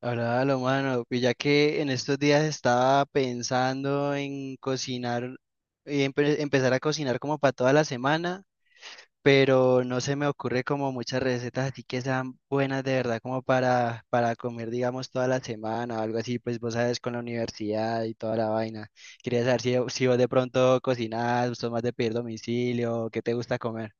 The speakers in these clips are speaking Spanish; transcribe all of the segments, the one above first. Ahora, lo mano, pues ya que en estos días estaba pensando en cocinar y empezar a cocinar como para toda la semana, pero no se me ocurre como muchas recetas así que sean buenas de verdad como para comer, digamos, toda la semana o algo así, pues vos sabes, con la universidad y toda la vaina. Quería saber si, si vos de pronto cocinás, sos más de pedir domicilio, qué te gusta comer.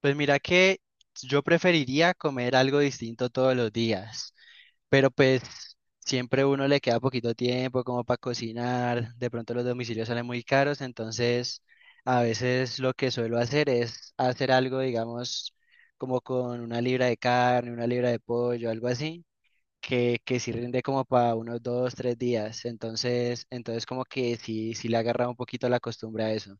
Pues mira que yo preferiría comer algo distinto todos los días. Pero pues siempre uno le queda poquito tiempo como para cocinar, de pronto los domicilios salen muy caros, entonces a veces lo que suelo hacer es hacer algo, digamos, como con una libra de carne, una libra de pollo, algo así, que sí rinde como para unos dos, tres días, entonces, entonces como que sí, sí le agarra un poquito la costumbre a eso.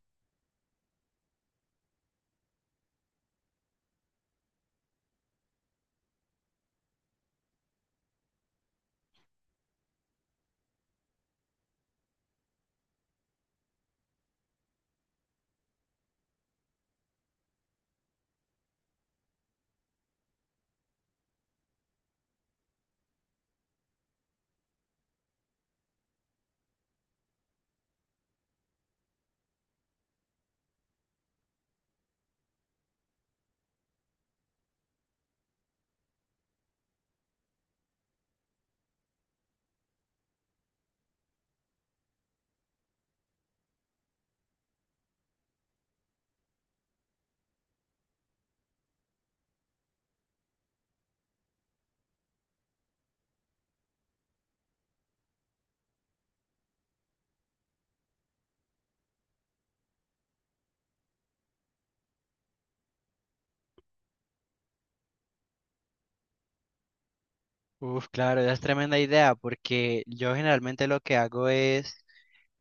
Uf, claro, esa es tremenda idea, porque yo generalmente lo que hago es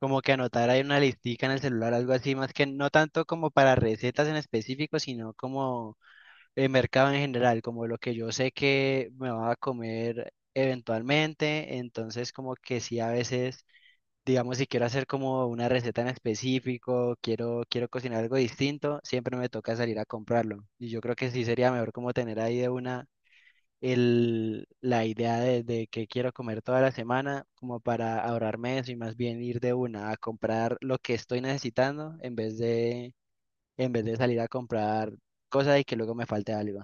como que anotar ahí una listica en el celular, algo así, más que no tanto como para recetas en específico, sino como el mercado en general, como lo que yo sé que me va a comer eventualmente, entonces como que sí a veces, digamos, si quiero hacer como una receta en específico, quiero, quiero cocinar algo distinto, siempre me toca salir a comprarlo. Y yo creo que sí sería mejor como tener ahí de una el, la idea de que quiero comer toda la semana como para ahorrarme eso y más bien ir de una a comprar lo que estoy necesitando en vez de salir a comprar cosas y que luego me falte algo.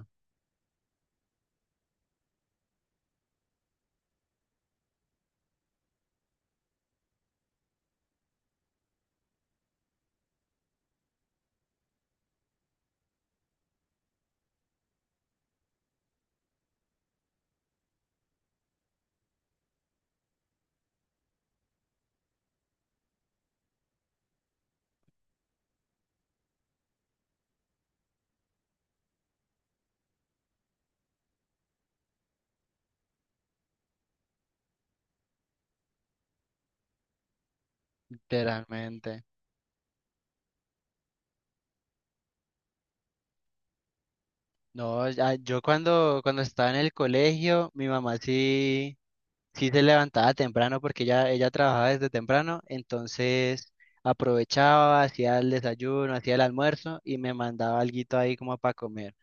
Literalmente. No, yo cuando, cuando estaba en el colegio, mi mamá sí, sí se levantaba temprano porque ella trabajaba desde temprano, entonces aprovechaba, hacía el desayuno, hacía el almuerzo y me mandaba alguito ahí como para comer.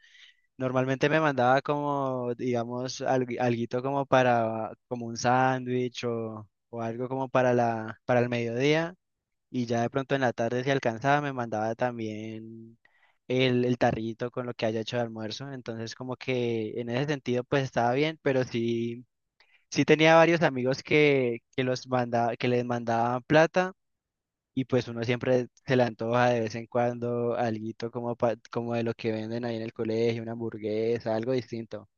Normalmente me mandaba como, digamos, algo alguito como para, como un sándwich o algo como para la, para el mediodía. Y ya de pronto en la tarde, si alcanzaba, me mandaba también el tarrito con lo que haya hecho de almuerzo. Entonces, como que en ese sentido, pues estaba bien, pero sí, sí tenía varios amigos que los manda, que les mandaban plata y pues uno siempre se le antoja de vez en cuando alguito como, como de lo que venden ahí en el colegio, una hamburguesa, algo distinto.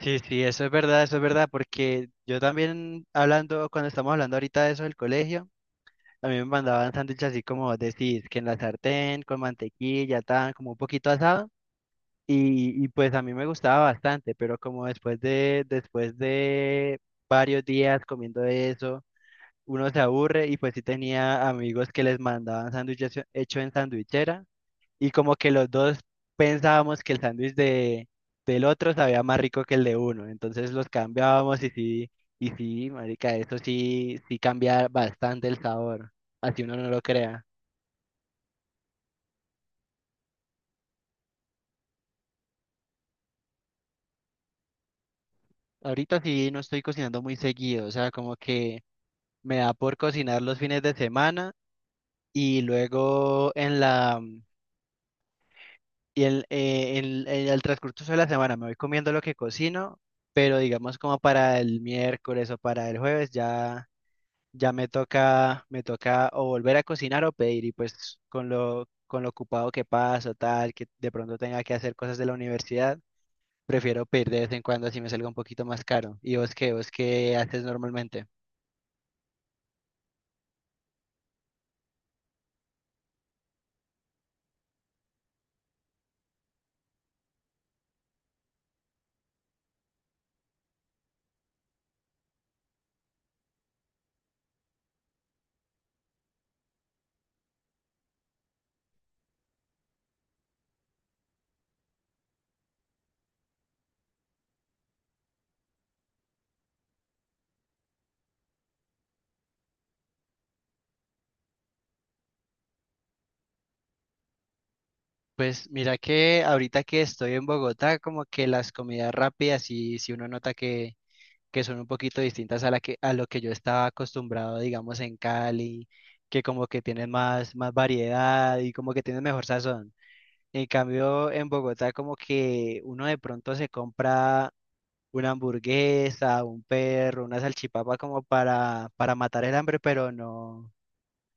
Sí, sí, eso es verdad, porque yo también hablando, cuando estamos hablando ahorita de eso del colegio, a mí me mandaban sándwiches así como decís, que en la sartén, con mantequilla, tan, como un poquito asado, y pues a mí me gustaba bastante, pero como después de varios días comiendo eso, uno se aburre y pues sí tenía amigos que les mandaban sándwiches hecho en sandwichera y como que los dos pensábamos que el sándwich de, del otro sabía más rico que el de uno, entonces los cambiábamos y sí, marica, eso sí, sí cambia bastante el sabor, así uno no lo crea. Ahorita sí no estoy cocinando muy seguido, o sea, como que me da por cocinar los fines de semana y luego en la. Y al transcurso de la semana me voy comiendo lo que cocino, pero digamos como para el miércoles o para el jueves ya, ya me toca o volver a cocinar o pedir y pues con lo ocupado que paso, tal, que de pronto tenga que hacer cosas de la universidad, prefiero pedir de vez en cuando así me salga un poquito más caro. ¿Y vos qué? ¿Vos qué haces normalmente? Pues mira que ahorita que estoy en Bogotá, como que las comidas rápidas y si uno nota que son un poquito distintas a la que, a lo que yo estaba acostumbrado, digamos, en Cali, que como que tienen más, más variedad y como que tienen mejor sazón. En cambio, en Bogotá como que uno de pronto se compra una hamburguesa, un perro, una salchipapa como para matar el hambre, pero no,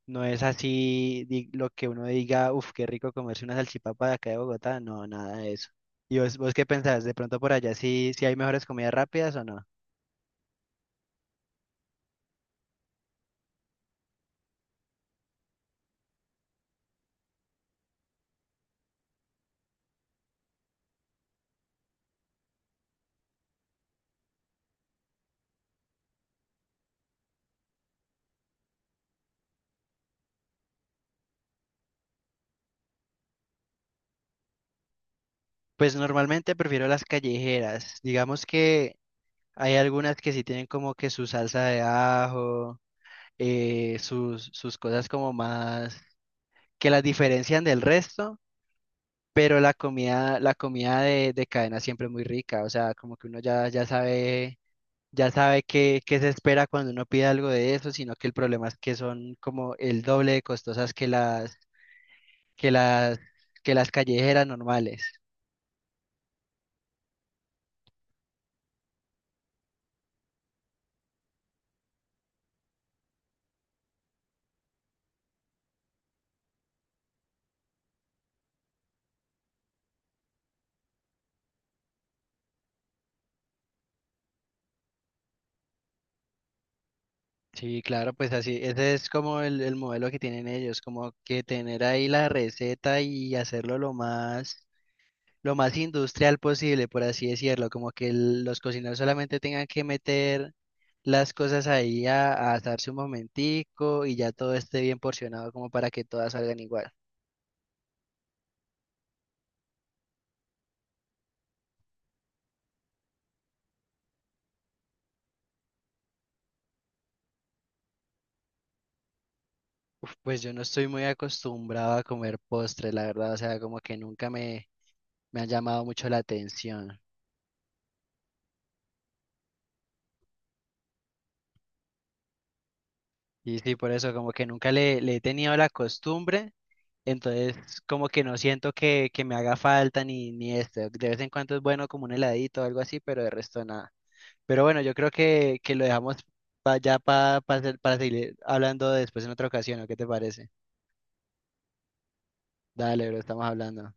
no es así lo que uno diga, uff, qué rico comerse una salchipapa de acá de Bogotá, no, nada de eso. ¿Y vos, vos qué pensás? ¿De pronto por allá sí, sí hay mejores comidas rápidas o no? Pues normalmente prefiero las callejeras. Digamos que hay algunas que sí tienen como que su salsa de ajo, sus, sus cosas como más que las diferencian del resto, pero la comida de cadena siempre es muy rica. O sea, como que uno ya, ya sabe qué, qué se espera cuando uno pide algo de eso, sino que el problema es que son como el doble de costosas que las, que las, que las callejeras normales. Sí, claro, pues así, ese es como el modelo que tienen ellos, como que tener ahí la receta y hacerlo lo más industrial posible, por así decirlo, como que los cocineros solamente tengan que meter las cosas ahí a asarse un momentico y ya todo esté bien porcionado como para que todas salgan igual. Uf, pues yo no estoy muy acostumbrado a comer postres, la verdad, o sea, como que nunca me, me han llamado mucho la atención. Y sí, por eso como que nunca le, le he tenido la costumbre. Entonces, como que no siento que me haga falta ni, ni esto. De vez en cuando es bueno como un heladito o algo así, pero de resto nada. Pero bueno, yo creo que lo dejamos para seguir hablando después en otra ocasión, ¿o qué te parece? Dale, bro, estamos hablando.